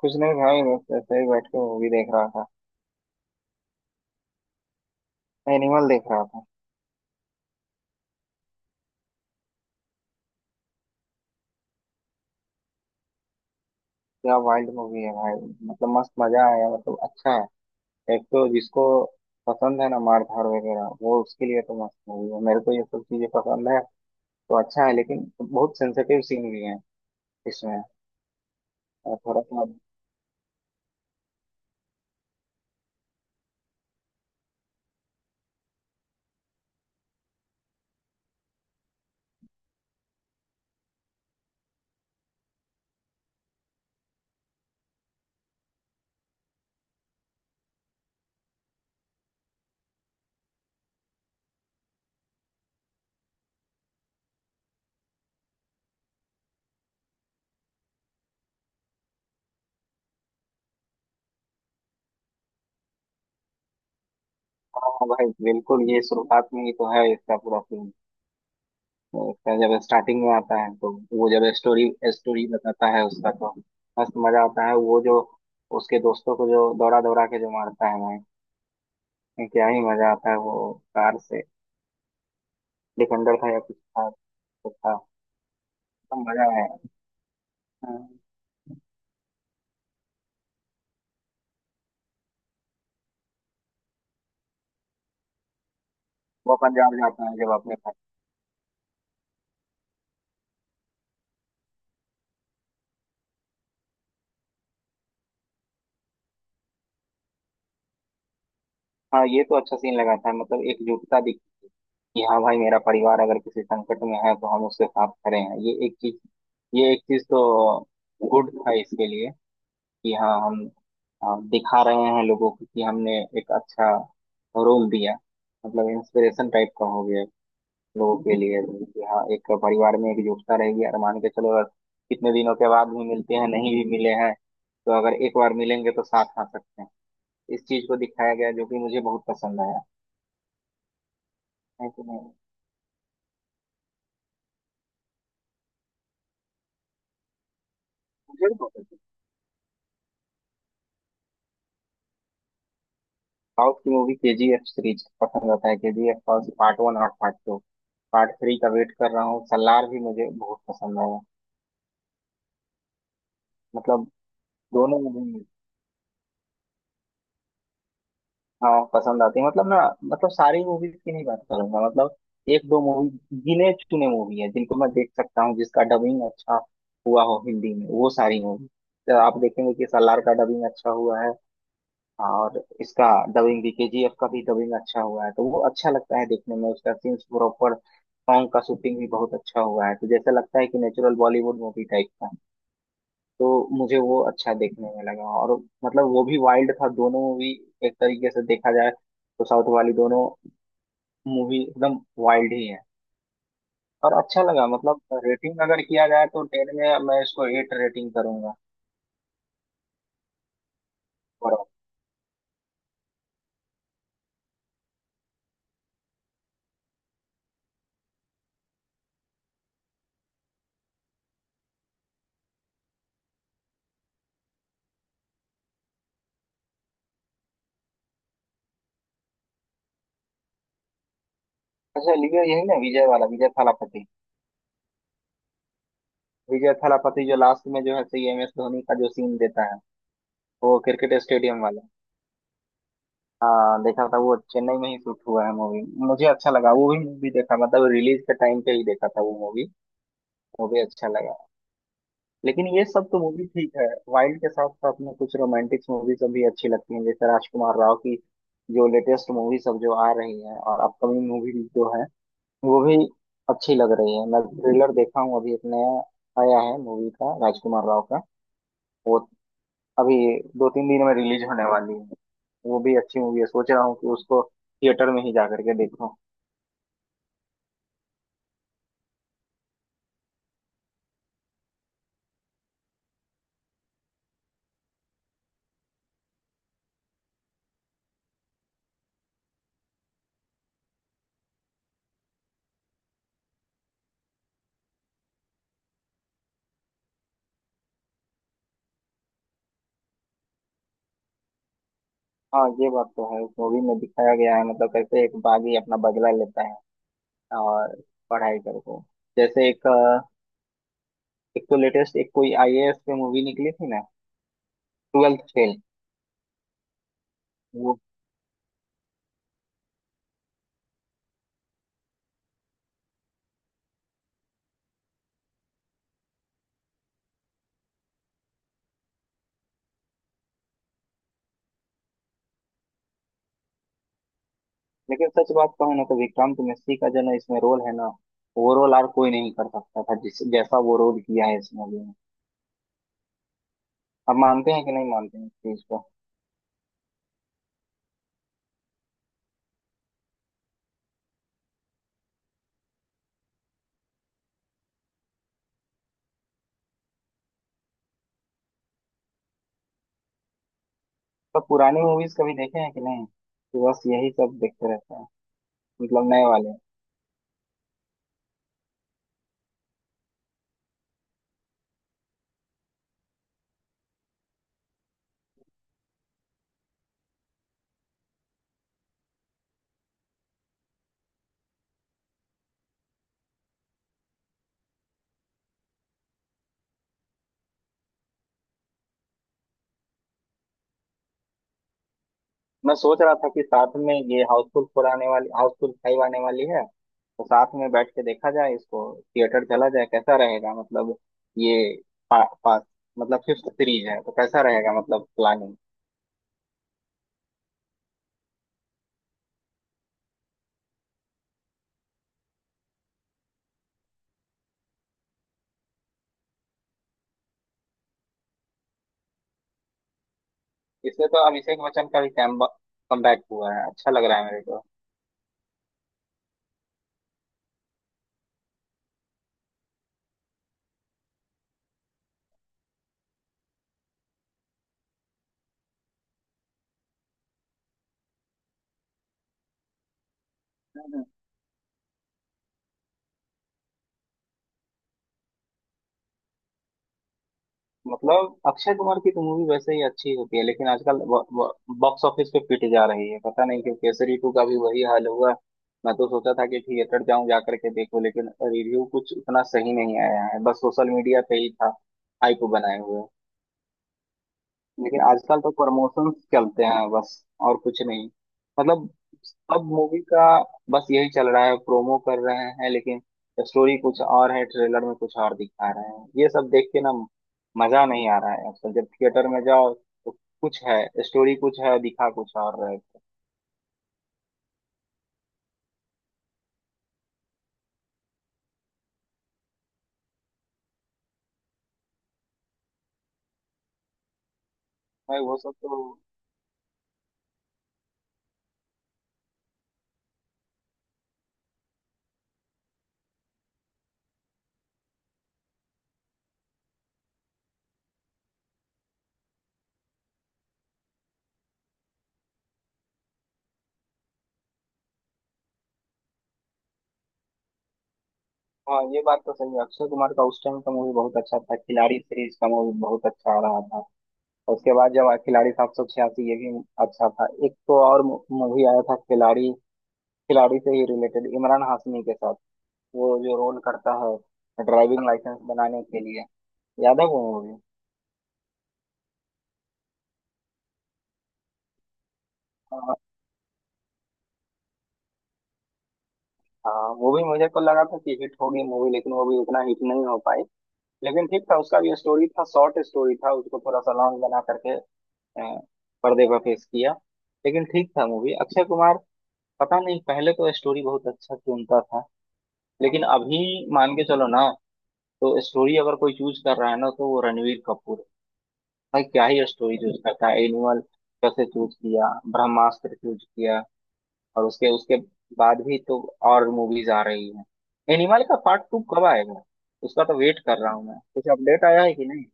कुछ नहीं भाई, बस ऐसे ही बैठ के मूवी देख रहा था। एनिमल देख रहा था। क्या वाइल्ड मूवी है भाई! मतलब मस्त मजा आया, मतलब अच्छा है। एक तो जिसको पसंद है ना मार धाड़ वगैरह, वो उसके लिए तो मस्त मूवी है। मेरे को ये सब चीजें पसंद है तो अच्छा है, लेकिन बहुत सेंसिटिव सीन भी है इसमें। और थोड़ा सा। हाँ भाई बिल्कुल, ये शुरुआत में ही तो है इसका पूरा। उसका जब स्टार्टिंग में आता है, तो वो जब स्टोरी स्टोरी बताता है उसका, तो मस्त मजा आता है। वो जो उसके दोस्तों को जो दौड़ा दौड़ा के जो मारता है भाई, क्या ही मजा आता है! वो कार से, डिफेंडर था या कुछ था, कुछ था। तो मजा आया। हाँ, वो पंजाब जाता है जब अपने घर। हाँ ये तो अच्छा सीन लगा था, मतलब एकजुटता दिखी कि हाँ भाई, मेरा परिवार अगर किसी संकट में है तो हम उसके साथ खड़े हैं। ये एक चीज, ये एक चीज तो गुड था इसके लिए। कि हाँ हम अ, दिखा रहे हैं लोगों को कि हमने एक अच्छा रोल दिया, मतलब इंस्पिरेशन टाइप का हो गया लोगों के लिए। कि हाँ एक परिवार में एकजुटता रहेगी, और मान के चलो, अगर कितने दिनों के बाद भी मिलते हैं, नहीं भी मिले हैं, तो अगर एक बार मिलेंगे तो साथ आ सकते हैं। इस चीज को दिखाया गया जो कि मुझे बहुत पसंद आया। है कि नहीं। मुझे भी बहुत पसंद साउथ की movie. K G F series पसंद आता है, के जी एफ पार्ट 1 और पार्ट 2। पार्ट 3 का वेट कर रहा हूँ। सलार भी मुझे बहुत पसंद आया, मतलब दोनों मूवी। हाँ पसंद आती है, मतलब ना, मतलब सारी मूवीज की नहीं बात करूंगा, मतलब एक दो मूवी, गिने चुने मूवी है जिनको मैं देख सकता हूँ, जिसका डबिंग अच्छा हुआ हो हिंदी में। वो सारी मूवी, तो आप देखेंगे कि सलार का डबिंग अच्छा हुआ है, और इसका डबिंग भी, केजीएफ का भी डबिंग अच्छा हुआ है, तो वो अच्छा लगता है देखने में, उसका सीन्स प्रॉपर, सॉन्ग का शूटिंग भी बहुत अच्छा हुआ है। तो जैसा लगता है कि नेचुरल बॉलीवुड मूवी टाइप का। तो मुझे वो अच्छा देखने में लगा, और मतलब वो भी वाइल्ड था दोनों मूवी, एक तरीके से देखा जाए तो साउथ वाली दोनों मूवी एकदम वाइल्ड ही है। और अच्छा लगा, मतलब रेटिंग अगर किया जाए तो 10 में मैं इसको 8 रेटिंग करूंगा। बराबर। अच्छा, लिया यही ना, विजय वाला, विजय थालापति। विजय थालापति जो लास्ट में जो है सही, एम एस धोनी का जो सीन देता है, वो क्रिकेट स्टेडियम वाला। हाँ देखा था, वो चेन्नई में ही शूट हुआ है मूवी। मुझे अच्छा लगा, वो भी मूवी देखा, मतलब रिलीज के टाइम पे ही देखा था वो मूवी। वो भी अच्छा लगा। लेकिन ये सब तो मूवी ठीक है, वाइल्ड के साथ साथ में कुछ रोमांटिक्स मूवीज भी अच्छी लगती हैं, जैसे राजकुमार राव की जो लेटेस्ट मूवी सब जो आ रही है और अपकमिंग मूवी जो है, वो भी अच्छी लग रही है। मैं ट्रेलर देखा हूँ अभी, एक नया आया है मूवी का, राजकुमार राव का। वो अभी 2-3 दिन में रिलीज होने वाली है। वो भी अच्छी मूवी है, सोच रहा हूँ कि उसको थिएटर में ही जा करके देखूँ। हाँ ये बात तो है, उस मूवी में दिखाया गया है, मतलब कैसे एक बागी अपना बदला लेता है और पढ़ाई करके, जैसे एक, एक तो लेटेस्ट एक कोई आईएएस पे मूवी निकली थी ना, ट्वेल्थ फेल, वो। लेकिन सच बात कहूं ना, तो विक्रांत मिश्री का जो ना इसमें रोल है ना, वो रोल और कोई नहीं कर सकता था जिस जैसा वो रोल किया है इस मूवी में। अब मानते हैं कि नहीं मानते हैं इस चीज को। तो पुरानी मूवीज कभी देखे हैं कि नहीं, तो बस यही सब देखते रहते हैं, मतलब नए वाले। मैं सोच रहा था कि साथ में ये हाउसफुल 4 आने वाली, हाउसफुल 5 आने वाली है, तो साथ में बैठ के देखा जाए इसको, थिएटर चला जाए, कैसा रहेगा? मतलब ये पा, पा, मतलब 5वीं सीरीज है तो कैसा रहेगा, मतलब प्लानिंग। इसमें तो अभिषेक बच्चन का भी कैम कमबैक हुआ है, अच्छा लग रहा है मेरे को। हम्म। मतलब अक्षय कुमार की तो मूवी वैसे ही अच्छी होती है, लेकिन आजकल बॉक्स ऑफिस पे पिट जा रही है, पता नहीं क्यों। केसरी 2 का भी वही हाल हुआ। मैं तो सोचा था कि थिएटर जाऊं, जा करके देखूं, लेकिन रिव्यू कुछ इतना सही नहीं आया है, बस सोशल मीडिया पे ही था हाइप बनाए हुए। लेकिन आजकल तो प्रमोशंस चलते हैं बस, और कुछ नहीं, मतलब सब मूवी का बस यही चल रहा है, प्रोमो कर रहे हैं, लेकिन स्टोरी कुछ और है, ट्रेलर में कुछ और दिखा रहे हैं। ये सब देख के ना मजा नहीं आ रहा है आजकल, जब थिएटर में जाओ तो कुछ है स्टोरी, कुछ है, दिखा कुछ और रहे थे। भाई वो सब तो। हाँ ये बात तो सही है, अक्षय कुमार का उस टाइम का मूवी बहुत अच्छा था, खिलाड़ी सीरीज का मूवी बहुत अच्छा आ रहा था। उसके बाद जब आया खिलाड़ी 786, ये भी अच्छा था। एक तो और मूवी आया था खिलाड़ी, खिलाड़ी से ही रिलेटेड, इमरान हाशमी के साथ। वो जो रोल करता है ड्राइविंग लाइसेंस बनाने के लिए, याद है वो मूवी? हाँ। हाँ, वो भी मुझे को लगा था कि हिट होगी मूवी, लेकिन वो भी उतना हिट नहीं हो पाई। लेकिन ठीक था, उसका भी स्टोरी था, शॉर्ट स्टोरी था, उसको थोड़ा सा लॉन्ग बना करके अ, पर्दे पर पेश किया। लेकिन ठीक था मूवी। अक्षय कुमार, पता नहीं, पहले तो स्टोरी बहुत अच्छा चुनता था लेकिन अभी। मान के चलो ना, तो स्टोरी अगर कोई चूज कर रहा है ना, तो वो रणवीर कपूर है। भाई क्या ही स्टोरी चूज करता है! एनिमल कैसे चूज किया, ब्रह्मास्त्र चूज किया, और उसके उसके बाद भी तो और मूवीज आ रही हैं। एनिमल का पार्ट 2 कब आएगा? उसका तो वेट कर रहा हूँ मैं। कुछ अपडेट आया है कि नहीं?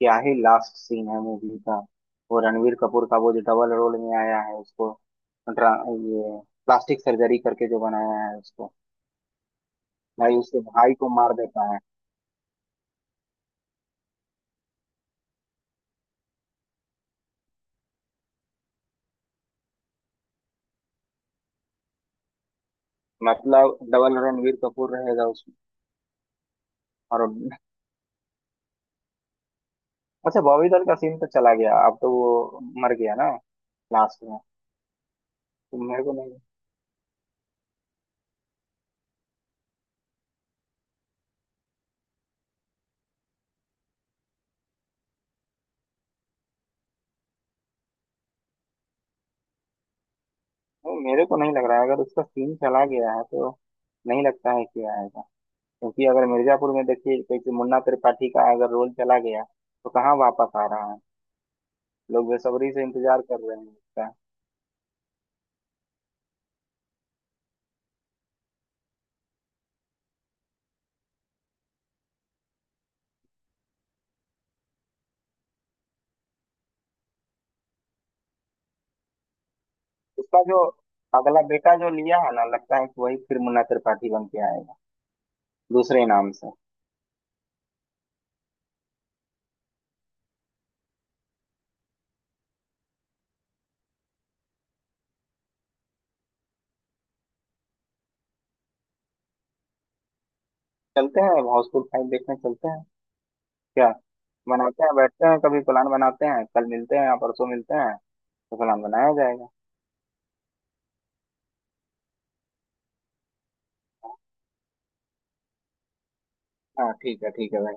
क्या ही लास्ट सीन है मूवी का! वो रणवीर कपूर का वो जो डबल रोल में आया है उसको, ड्रा- ये प्लास्टिक सर्जरी करके जो बनाया है उसको, भाई उसके भाई को मार देता है। मतलब डबल रणवीर कपूर रहेगा उसमें। और अच्छा, बॉबी दल का सीन तो चला गया, अब तो वो मर गया ना लास्ट में। तो मेरे को नहीं। नहीं, मेरे को नहीं लग रहा है, अगर उसका सीन चला गया है तो नहीं लगता है कि आएगा। क्योंकि अगर मिर्जापुर में देखिए, कोई कोई मुन्ना त्रिपाठी का अगर रोल चला गया, तो कहाँ वापस आ रहा है? लोग बेसब्री से इंतजार कर रहे हैं उसका। उसका जो अगला बेटा जो लिया है ना, लगता है कि वही फिर मुन्ना त्रिपाठी बन के आएगा दूसरे नाम से। चलते हैं, हाउसफुल 5 देखने चलते हैं। क्या बनाते हैं, बैठते हैं, कभी प्लान बनाते हैं, कल मिलते हैं या परसों मिलते हैं, तो प्लान बनाया जाएगा। हाँ ठीक है, ठीक है भाई।